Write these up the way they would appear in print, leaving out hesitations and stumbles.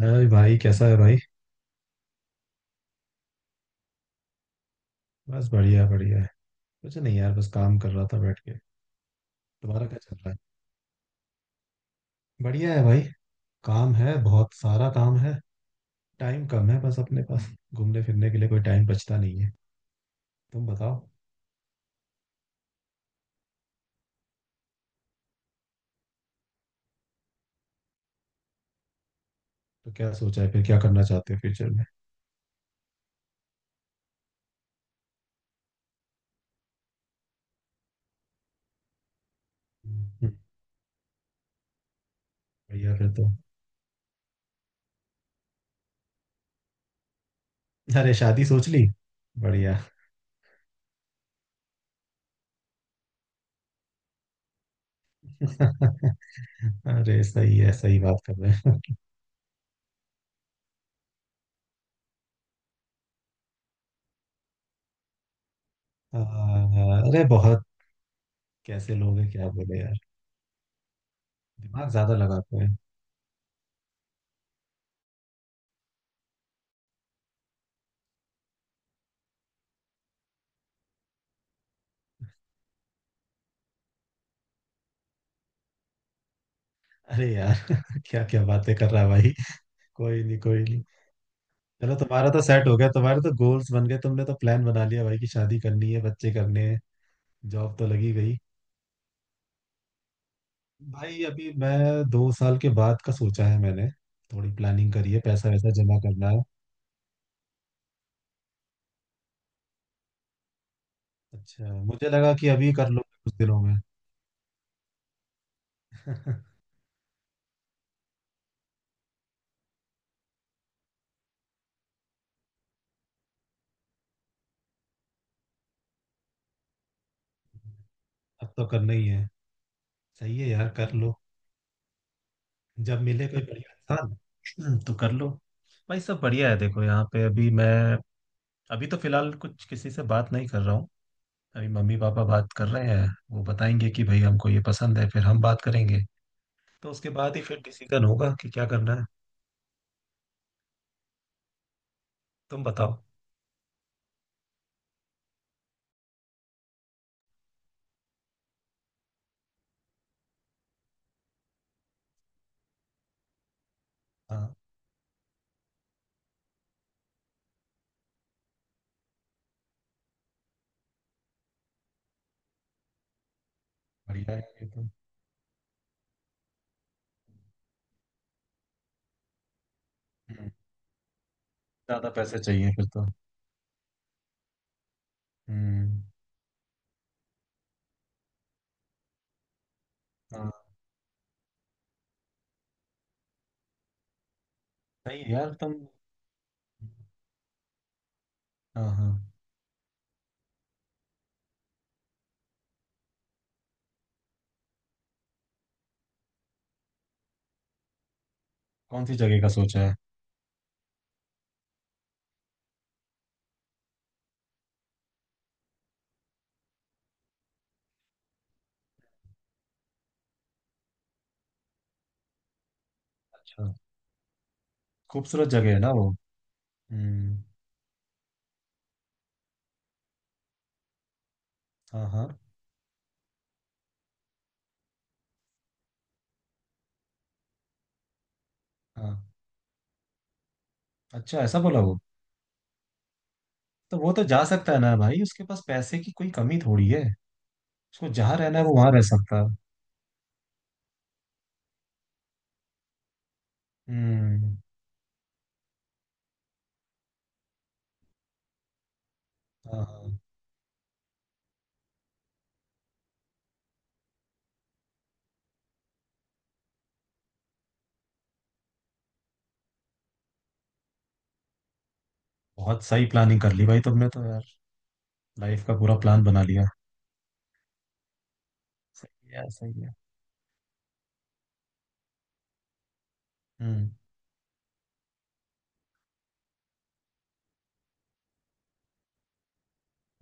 अरे भाई, कैसा है भाई? बस बढ़िया बढ़िया है। कुछ नहीं यार, बस काम कर रहा था बैठ के। तुम्हारा क्या चल रहा है? बढ़िया है भाई। काम है, बहुत सारा काम है। टाइम कम है बस अपने पास। घूमने फिरने के लिए कोई टाइम बचता नहीं है। तुम बताओ। तो क्या सोचा है, फिर क्या करना चाहते हो फ्यूचर में? हम्म। बढ़िया फिर तो। अरे शादी सोच ली? बढ़िया। अरे सही है, सही बात कर रहे हैं। अरे बहुत कैसे लोग हैं, क्या बोले यार। दिमाग ज्यादा लगाते हैं। अरे यार। क्या क्या बातें कर रहा है भाई। कोई नहीं कोई नहीं। चलो, तुम्हारा तो सेट हो गया, तुम्हारे तो गोल्स बन गए, तुमने तो प्लान बना लिया भाई कि शादी करनी है, बच्चे करने हैं। जॉब तो लगी गई भाई। अभी मैं दो साल के बाद का सोचा है मैंने। थोड़ी प्लानिंग करी है, पैसा वैसा जमा करना है। अच्छा, मुझे लगा कि अभी कर लो कुछ दिनों में। अब तो करना ही है। सही है यार, कर लो। जब मिले कोई बढ़िया इंसान। तो कर लो। भाई सब बढ़िया है। देखो यहाँ पे, अभी मैं अभी तो फिलहाल कुछ किसी से बात नहीं कर रहा हूँ। अभी मम्मी पापा बात कर रहे हैं, वो बताएंगे कि भाई हमको ये पसंद है, फिर हम बात करेंगे। तो उसके बाद ही फिर डिसीजन होगा कि क्या करना है। तुम बताओ। हाँ। बढ़िया है ये तो। हम्म। ज्यादा पैसे चाहिए फिर तो। हम्म। हाँ। सही है यार तुम। हाँ हाँ। कौन सी जगह का सोचा है? अच्छा। खूबसूरत जगह है ना वो? हम्म। हाँ हाँ। हाँ। अच्छा, ऐसा बोला वो? तो वो तो जा सकता है ना भाई, उसके पास पैसे की कोई कमी थोड़ी है। उसको जहाँ रहना है वो वहां रह सकता है। हम्म। हाँ हाँ। बहुत सही प्लानिंग कर ली भाई तुमने तो यार। लाइफ का पूरा प्लान बना लिया। सही है यार, सही है। हम्म।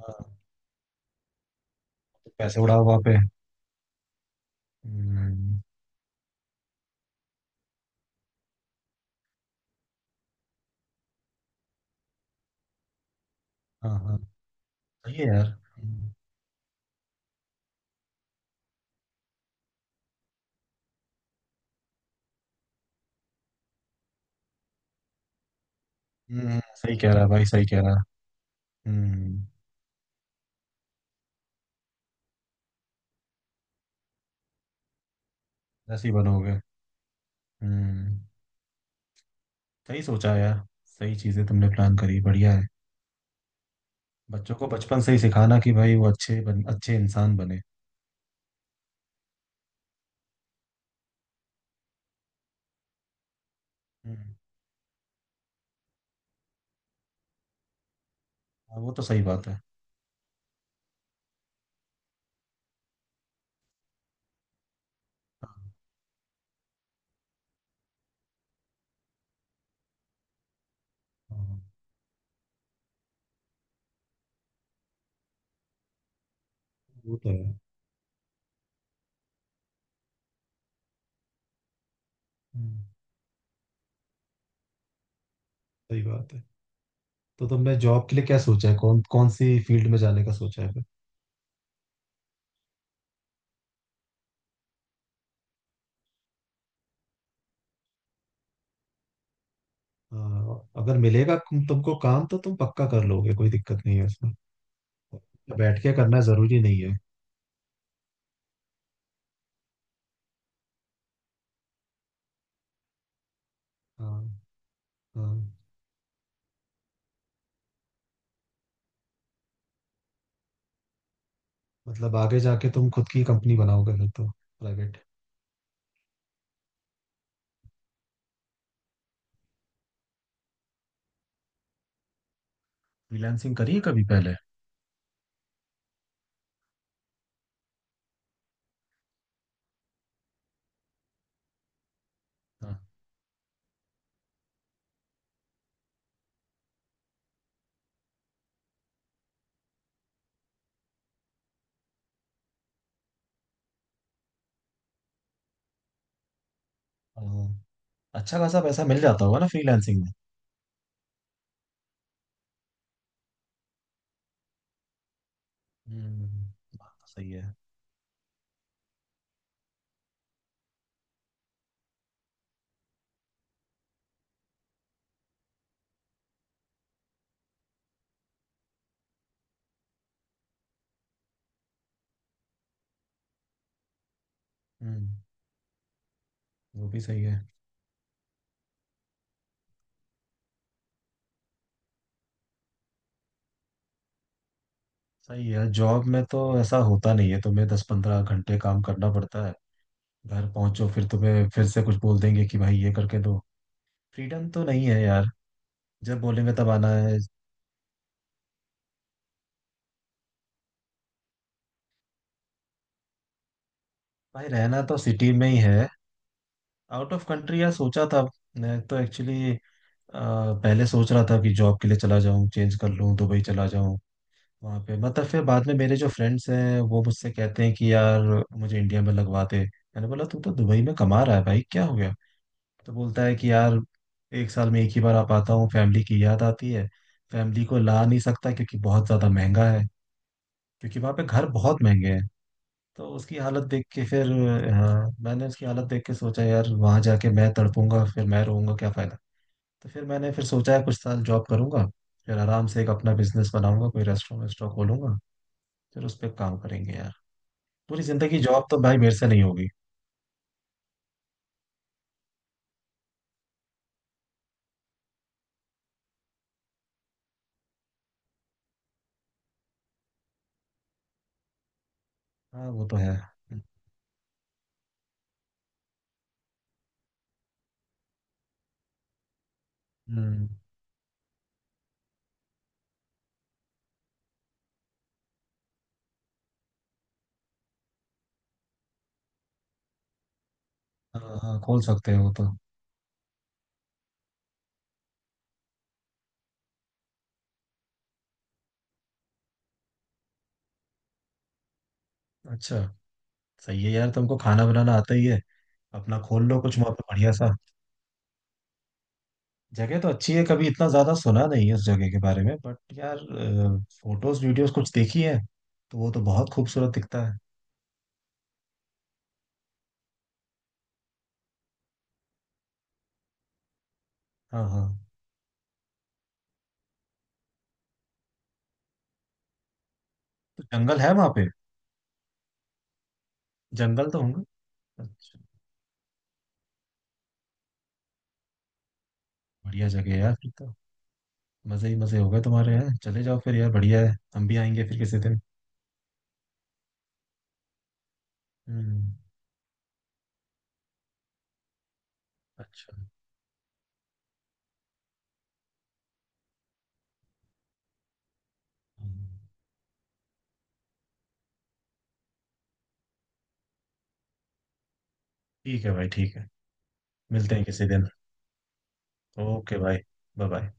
हाँ। तो पैसे उड़ाओ वहाँ पे। हम्म। हाँ हाँ। सही है यार। हम्म। सही कह रहा है भाई, सही कह रहा है। हम्म। ऐसे ही बनोगे। हम्म। सही सोचा है यार, सही चीजें तुमने प्लान करी, बढ़िया है। बच्चों को बचपन से ही सिखाना कि भाई वो अच्छे इंसान बने। हम्म। हाँ, वो तो सही बात है। हाँ, वो तो है। हम्म, सही बात है। तो तुमने जॉब के लिए क्या सोचा है, कौन कौन सी फील्ड में जाने का सोचा है? हाँ, अगर मिलेगा तुमको काम तो तुम पक्का कर लोगे, कोई दिक्कत नहीं है उसमें। बैठ के करना जरूरी नहीं है। हाँ हाँ। मतलब आगे जाके तुम खुद की कंपनी बनाओगे फिर तो, प्राइवेट? फ्रीलांसिंग करी है कभी पहले? हाँ हाँ। अच्छा खासा पैसा मिल जाता होगा ना फ्रीलांसिंग में? हम्म, बात तो सही है। हम्म। वो भी सही है। सही है, जॉब में तो ऐसा होता नहीं है, तुम्हें दस पंद्रह घंटे काम करना पड़ता है। घर पहुंचो फिर तुम्हें फिर से कुछ बोल देंगे कि भाई ये करके दो। फ्रीडम तो नहीं है यार। जब बोलेंगे तब आना है। भाई रहना तो सिटी में ही है। आउट ऑफ कंट्री यार सोचा था। मैं तो एक्चुअली पहले सोच रहा था कि जॉब के लिए चला जाऊं, चेंज कर लूं, दुबई चला जाऊं। वहां पे मतलब फिर बाद में, मेरे जो फ्रेंड्स हैं वो मुझसे कहते हैं कि यार मुझे इंडिया में लगवा दे। मैंने बोला तू तो दुबई में कमा रहा है भाई, क्या हो गया? तो बोलता है कि यार एक साल में एक ही बार आ पाता हूँ, फैमिली की याद आती है। फैमिली को ला नहीं सकता, क्योंकि बहुत ज्यादा महंगा है। क्योंकि वहां पे घर बहुत महंगे हैं। तो उसकी हालत देख के फिर हाँ, मैंने उसकी हालत देख के सोचा यार वहां जाके मैं तड़पूंगा, फिर मैं रोऊंगा, क्या फायदा। तो फिर मैंने फिर सोचा है कुछ साल जॉब करूंगा, फिर आराम से एक अपना बिजनेस बनाऊंगा, कोई रेस्टोरेंट वेस्टोरेंट खोलूंगा। फिर उस पर काम करेंगे यार। पूरी जिंदगी जॉब तो भाई मेरे से नहीं होगी। हाँ वो तो है। हम्म। हाँ हाँ, खोल सकते हो तो। अच्छा। सही है यार, तुमको खाना बनाना आता ही है। अपना खोल लो कुछ वहाँ पे बढ़िया सा। जगह तो अच्छी है, कभी इतना ज्यादा सुना नहीं है उस जगह के बारे में बट यार फोटोज वीडियोस कुछ देखी है, तो वो तो बहुत खूबसूरत दिखता है। हाँ हाँ। तो जंगल है वहां पे? जंगल तो होंगे। अच्छा। बढ़िया जगह है यार फिर तो। मजे ही मजे हो गए तुम्हारे, यहाँ चले जाओ फिर यार, बढ़िया है, हम भी आएंगे फिर किसी दिन। हम्म। अच्छा। हम्म, ठीक है भाई, ठीक है। मिलते हैं किसी दिन। ओके भाई। Bye bye.